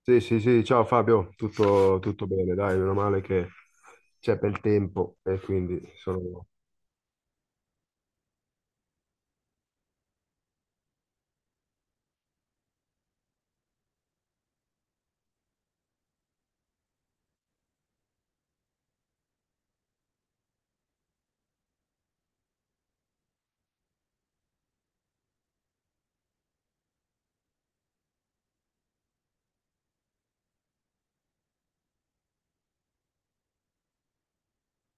Sì, sì, sì, ciao Fabio, tutto bene, dai, meno male che c'è bel tempo e quindi sono.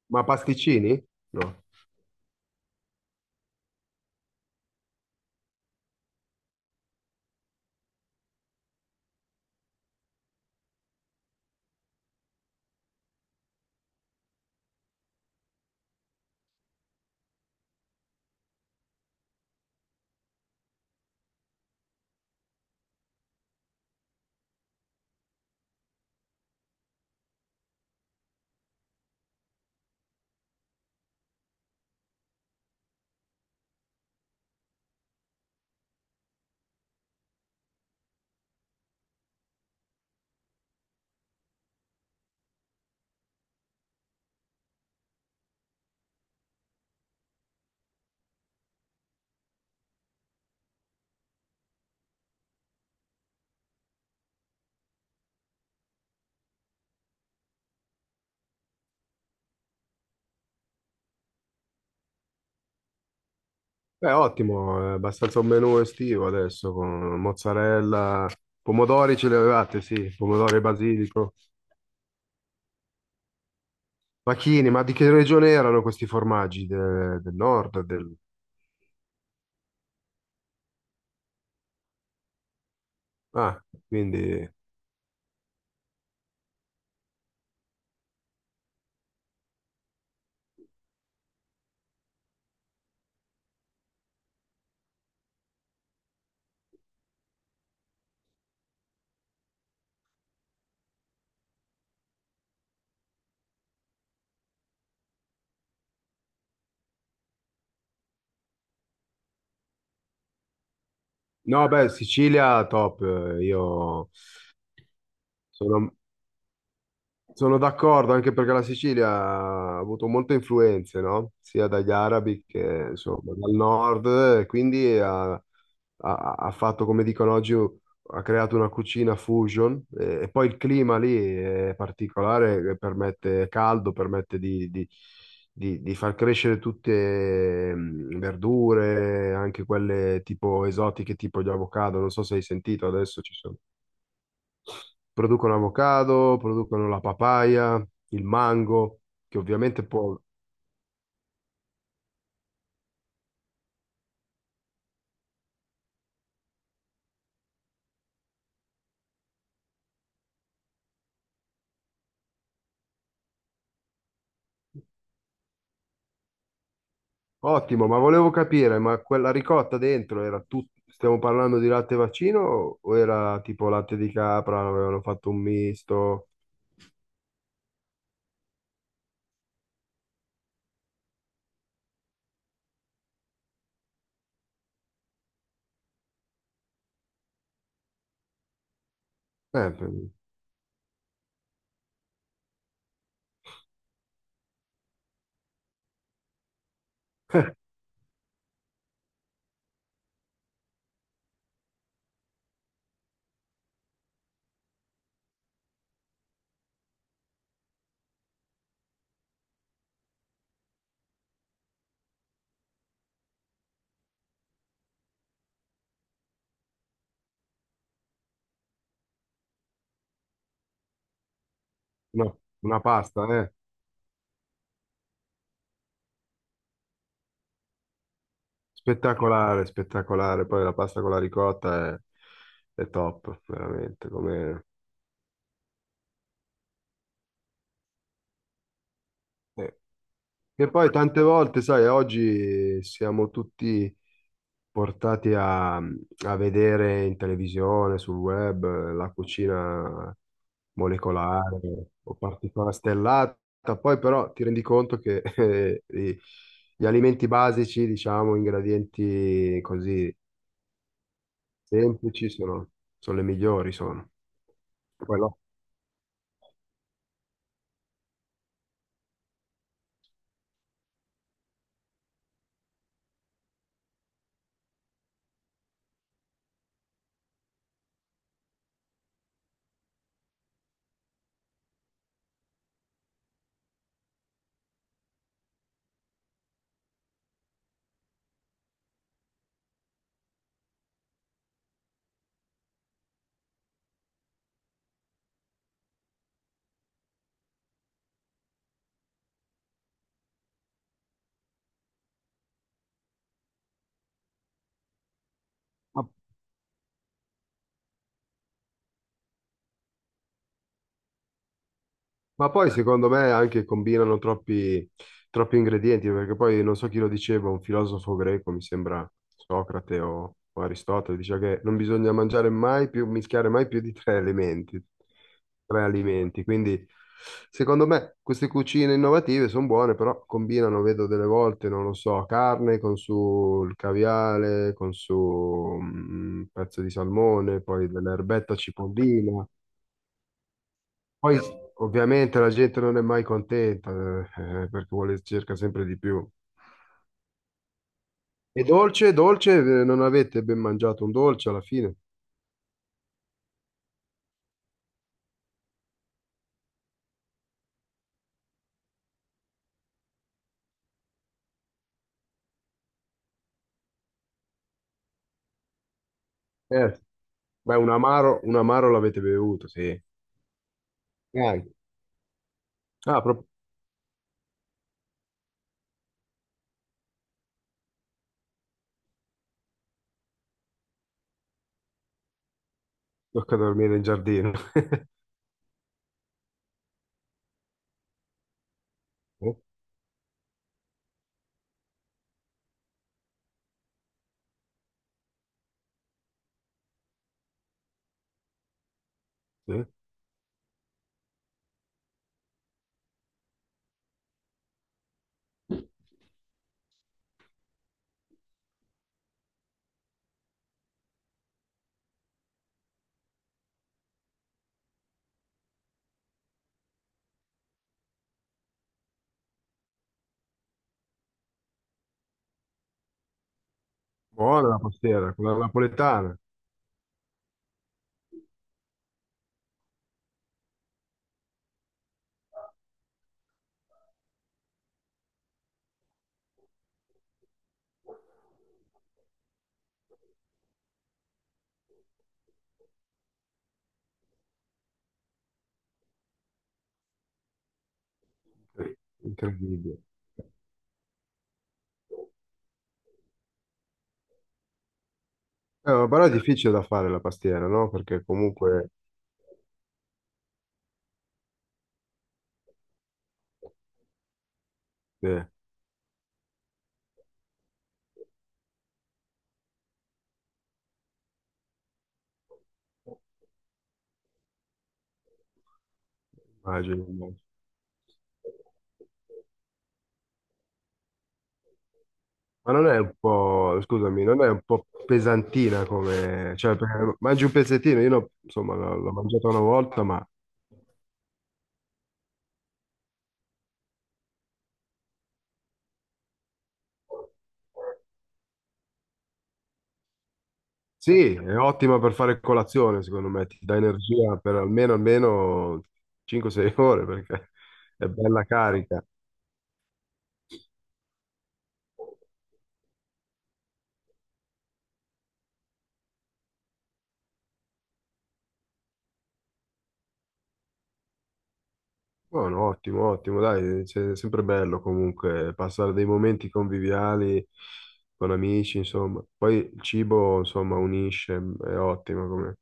Ma pasticcini? No. Beh, ottimo, è abbastanza un menù estivo adesso con mozzarella, pomodori ce li avevate, sì, pomodori e basilico, pachini, ma di che regione erano questi formaggi? Del nord? Del. Ah, quindi. No, beh, Sicilia top, io sono. Sono d'accordo, anche perché la Sicilia ha avuto molte influenze, no? Sia dagli arabi che insomma, dal nord, e quindi ha fatto, come dicono oggi, ha creato una cucina fusion e poi il clima lì è particolare, che permette è caldo, permette di far crescere tutte verdure, anche quelle tipo esotiche, tipo gli avocado, non so se hai sentito, adesso ci sono. Producono avocado, producono la papaya, il mango, che ovviamente può. Ottimo, ma volevo capire, ma quella ricotta dentro era tutto. Stiamo parlando di latte vaccino o era tipo latte di capra, avevano fatto un misto? Eh, per- no, una pasta, eh. Spettacolare, spettacolare. Poi la pasta con la ricotta è top, veramente, come, eh. Che poi tante volte, sai, oggi siamo tutti portati a vedere in televisione, sul web, la cucina molecolare o particolare stellata, poi però ti rendi conto che gli alimenti basici, diciamo, ingredienti così semplici sono le migliori, sono. Quello. Ma poi secondo me anche combinano troppi ingredienti, perché poi non so chi lo diceva, un filosofo greco, mi sembra Socrate o Aristotele, diceva che non bisogna mangiare mai più, mischiare mai più di tre elementi, tre alimenti. Quindi secondo me queste cucine innovative sono buone, però combinano, vedo delle volte, non lo so, carne con sul caviale, con su un pezzo di salmone, poi dell'erbetta cipollina. Poi ovviamente la gente non è mai contenta, perché vuole, cerca sempre di più. E dolce, dolce, non avete ben mangiato un dolce alla fine? Certo. Beh, un amaro l'avete bevuto, sì. Neanche. Ah, proprio tocca dormire in giardino. Eh, sì. Buona la pastiera, quella napoletana. Sì, incredibile. Però è difficile da fare la pastiera, no? Perché comunque, sì, immagino. Immagino. Ma non è un po', scusami, non è un po' pesantina come, cioè, perché mangi un pezzettino, io insomma l'ho mangiata una volta, ma sì, è ottima per fare colazione, secondo me, ti dà energia per almeno 5-6 ore, perché è bella carica. Buono, ottimo, ottimo, dai, è sempre bello comunque passare dei momenti conviviali con amici, insomma. Poi il cibo, insomma, unisce, è ottimo come.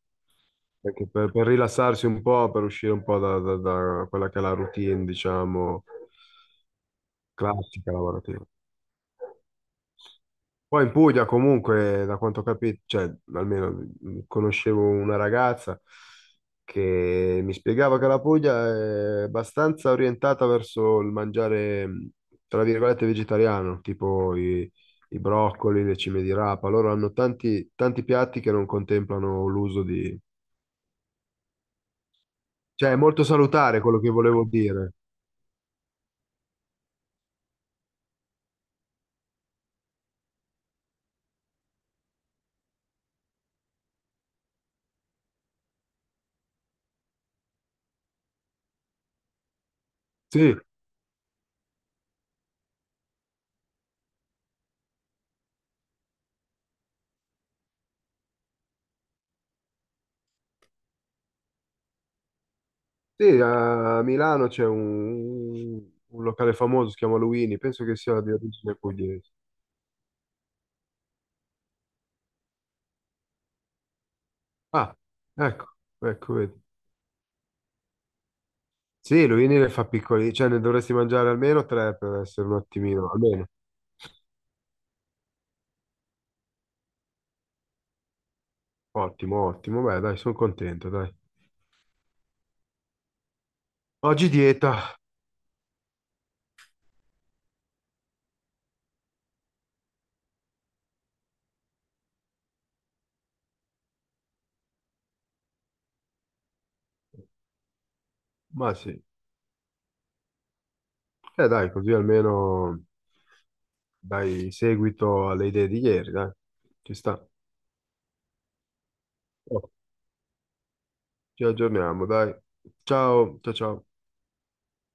Perché per rilassarsi un po', per uscire un po' da quella che è la routine, diciamo, classica lavorativa. Poi in Puglia comunque, da quanto ho capito, cioè almeno conoscevo una ragazza che mi spiegava che la Puglia è abbastanza orientata verso il mangiare, tra virgolette, vegetariano, tipo i broccoli, le cime di rapa. Loro hanno tanti, tanti piatti che non contemplano l'uso di. Cioè è molto salutare quello che volevo dire. Sì, sì, a Milano c'è un locale famoso, si chiama Luini, penso che sia di origine pugliese. Ah, ecco, ecco, vedi. Sì, Luini le fa piccoli, cioè ne dovresti mangiare almeno tre per essere un attimino, almeno. Ottimo, ottimo, beh dai, sono contento, dai. Oggi dieta, ma sì, dai, così almeno dai seguito alle idee di ieri, dai. Ci sta. Oh, ci aggiorniamo, dai. Ciao, ciao, ciao.